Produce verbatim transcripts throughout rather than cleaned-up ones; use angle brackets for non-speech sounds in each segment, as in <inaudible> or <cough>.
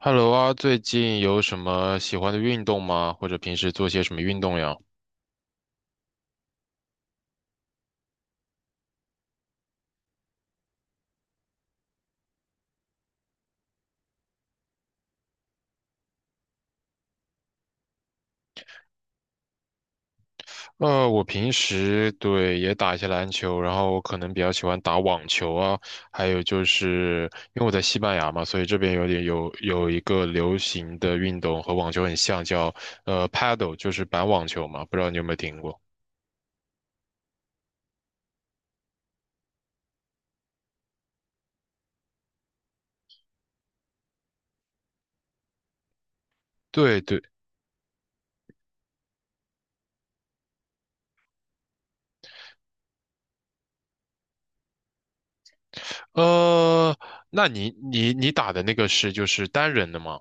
Hello 啊，最近有什么喜欢的运动吗？或者平时做些什么运动呀？呃，我平时对也打一些篮球，然后我可能比较喜欢打网球啊，还有就是因为我在西班牙嘛，所以这边有点有有一个流行的运动和网球很像，叫呃 paddle，就是板网球嘛，不知道你有没有听过？对对，呃，那你你你打的那个是就是单人的吗？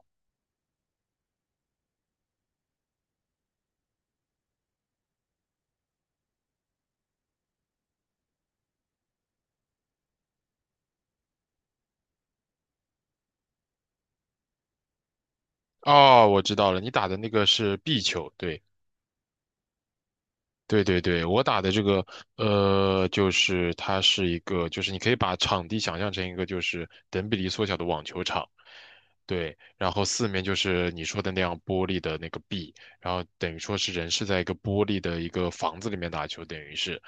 哦，我知道了，你打的那个是壁球，对。对对对，我打的这个，呃，就是它是一个，就是你可以把场地想象成一个就是等比例缩小的网球场。对，然后四面就是你说的那样玻璃的那个壁，然后等于说是人是在一个玻璃的一个房子里面打球，等于是。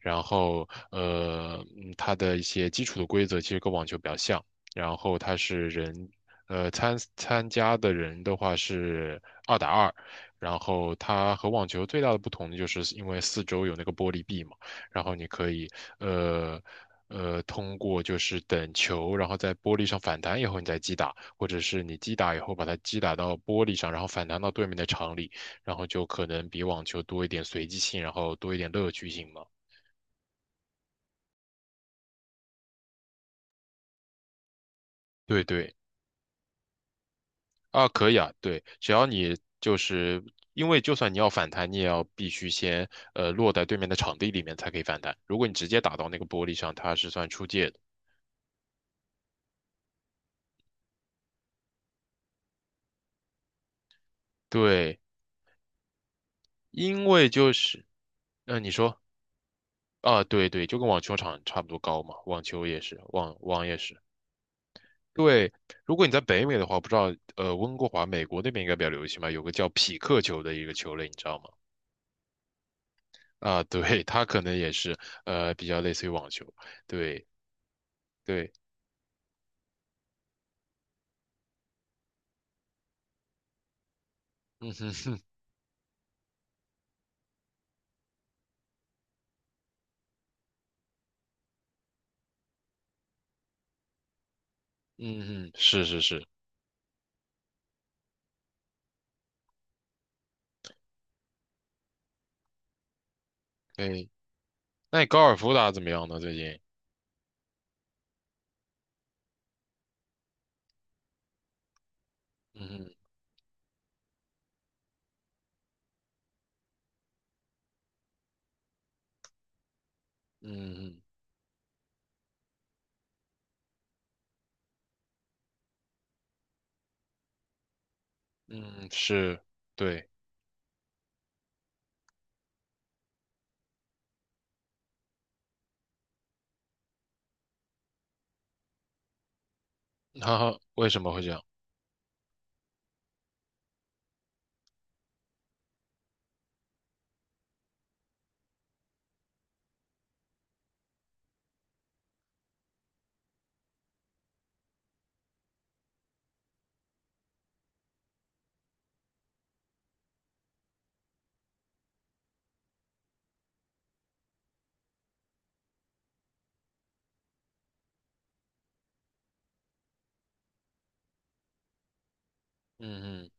然后呃，嗯它的一些基础的规则其实跟网球比较像，然后它是人，呃，参参加的人的话是二打二，然后它和网球最大的不同就是因为四周有那个玻璃壁嘛，然后你可以呃。呃，通过就是等球，然后在玻璃上反弹以后，你再击打，或者是你击打以后把它击打到玻璃上，然后反弹到对面的场里，然后就可能比网球多一点随机性，然后多一点乐趣性嘛。对对啊，可以啊，对，只要你就是因为就算你要反弹，你也要必须先呃落在对面的场地里面才可以反弹。如果你直接打到那个玻璃上，它是算出界的。对，因为就是，那你说啊，对对，就跟网球场差不多高嘛，网球也是，网网也是。对，如果你在北美的话，不知道呃温哥华美国那边应该比较流行吧，有个叫匹克球的一个球类，你知道吗？啊，对，它可能也是呃比较类似于网球，对。对，嗯嗯，是是是，可以。那你高尔夫打得怎么样呢？最近？嗯嗯嗯嗯，是，对。<laughs> 哈哈，为什么会这样？嗯嗯，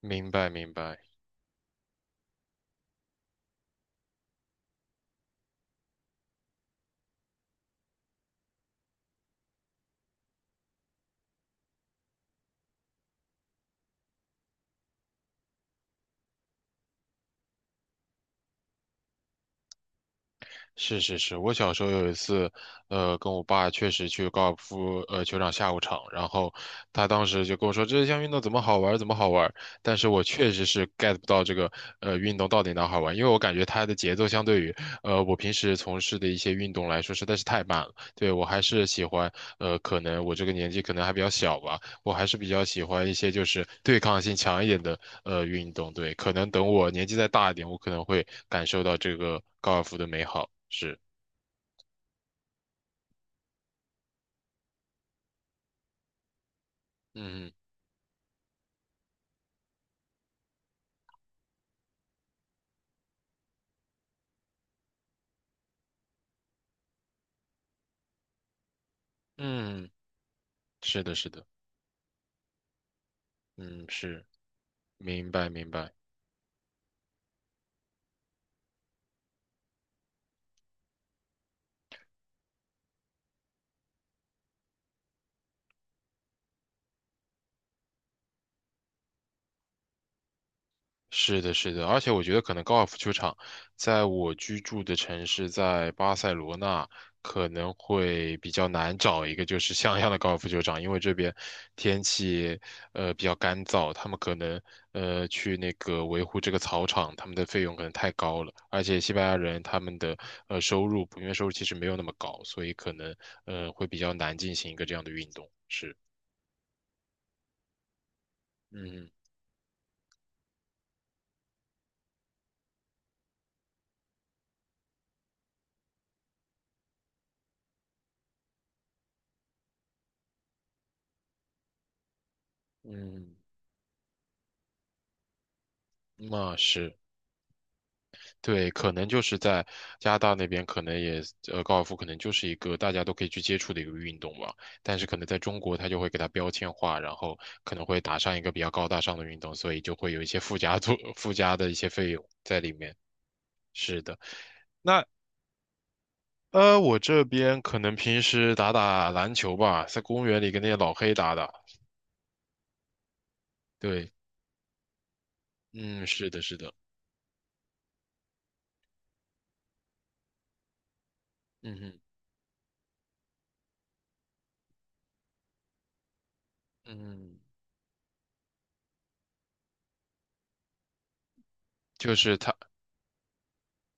明白明白。是是是，我小时候有一次，呃，跟我爸确实去高尔夫呃球场下午场，然后他当时就跟我说这项运动怎么好玩儿，怎么好玩儿，但是我确实是 get 不到这个呃运动到底哪儿好玩，因为我感觉它的节奏相对于呃我平时从事的一些运动来说实在是太慢了。对，我还是喜欢呃可能我这个年纪可能还比较小吧，我还是比较喜欢一些就是对抗性强一点的呃运动。对，可能等我年纪再大一点，我可能会感受到这个高尔夫的美好。是，嗯嗯，是的，是的，嗯，是，明白明白。是的，是的，而且我觉得可能高尔夫球场在我居住的城市，在巴塞罗那可能会比较难找一个就是像样的高尔夫球场。因为这边天气呃比较干燥，他们可能呃去那个维护这个草场，他们的费用可能太高了。而且西班牙人他们的呃收入普遍收入其实没有那么高，所以可能呃会比较难进行一个这样的运动。是，嗯嗯，嗯那是。对，可能就是在加拿大那边，可能也呃，高尔夫可能就是一个大家都可以去接触的一个运动吧。但是可能在中国，它就会给它标签化，然后可能会打上一个比较高大上的运动，所以就会有一些附加作 <laughs> 附加的一些费用在里面。是的，那呃，我这边可能平时打打篮球吧，在公园里跟那些老黑打打。对，嗯，是的，是的，嗯哼，嗯，就是他。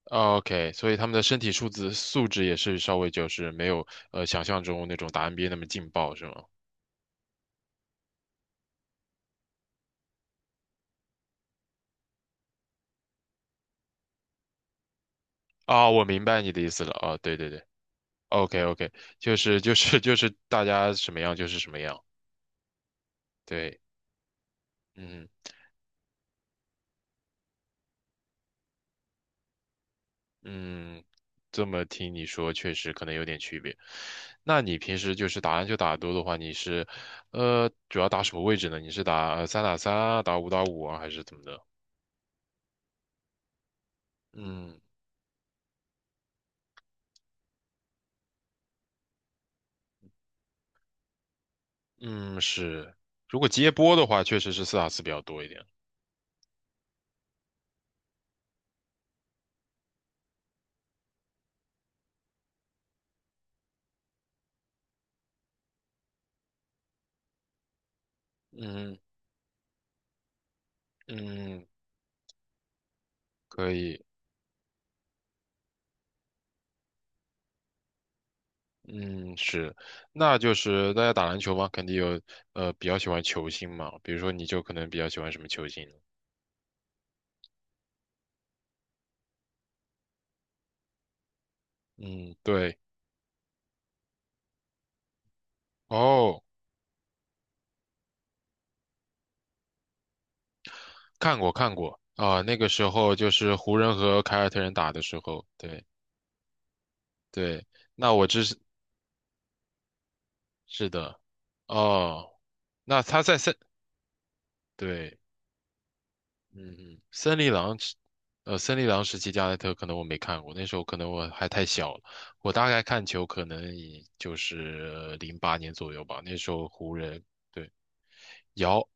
哦 OK，所以他们的身体素质素质也是稍微就是没有呃想象中那种打 N B A 那么劲爆，是吗？啊、我明白你的意思了。啊、对对对，OK OK，就是就是就是大家什么样就是什么样。对，嗯嗯，这么听你说，确实可能有点区别。那你平时就是打篮球打得多的话，你是呃主要打什么位置呢？你是打呃三打三啊，打五打五啊，还是怎么的？嗯嗯，是。如果接波的话，确实是四打四比较多一点。嗯嗯，可以，嗯，是，那就是大家打篮球嘛，肯定有呃比较喜欢球星嘛，比如说你就可能比较喜欢什么球星呢？嗯，对，哦，看过看过啊，那个时候就是湖人和凯尔特人打的时候，对对，那我知是的，哦，那他在三，对。嗯嗯，森林狼时呃，森林狼时期加内特可能我没看过，那时候可能我还太小了。我大概看球可能也就是零八年左右吧，那时候湖人。对，姚，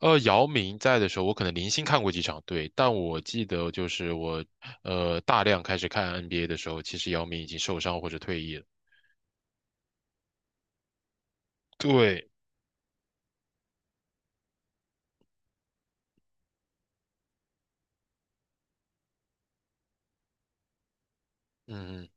呃，姚明在的时候，我可能零星看过几场。对，但我记得就是我，呃，大量开始看 N B A 的时候，其实姚明已经受伤或者退役了。对，嗯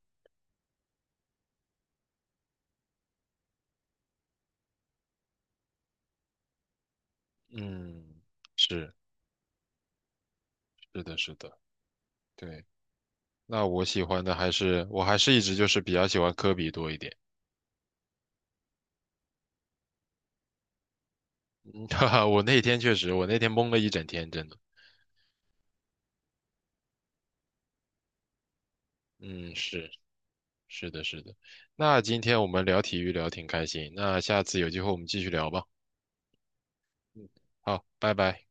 嗯嗯，是是的，是的，对。那我喜欢的还是，我还是一直就是比较喜欢科比多一点。<laughs> 哈哈，我那天确实，我那天懵了一整天，真的。嗯，是是的，是的。那今天我们聊体育聊挺开心，那下次有机会我们继续聊吧。嗯，好，拜拜。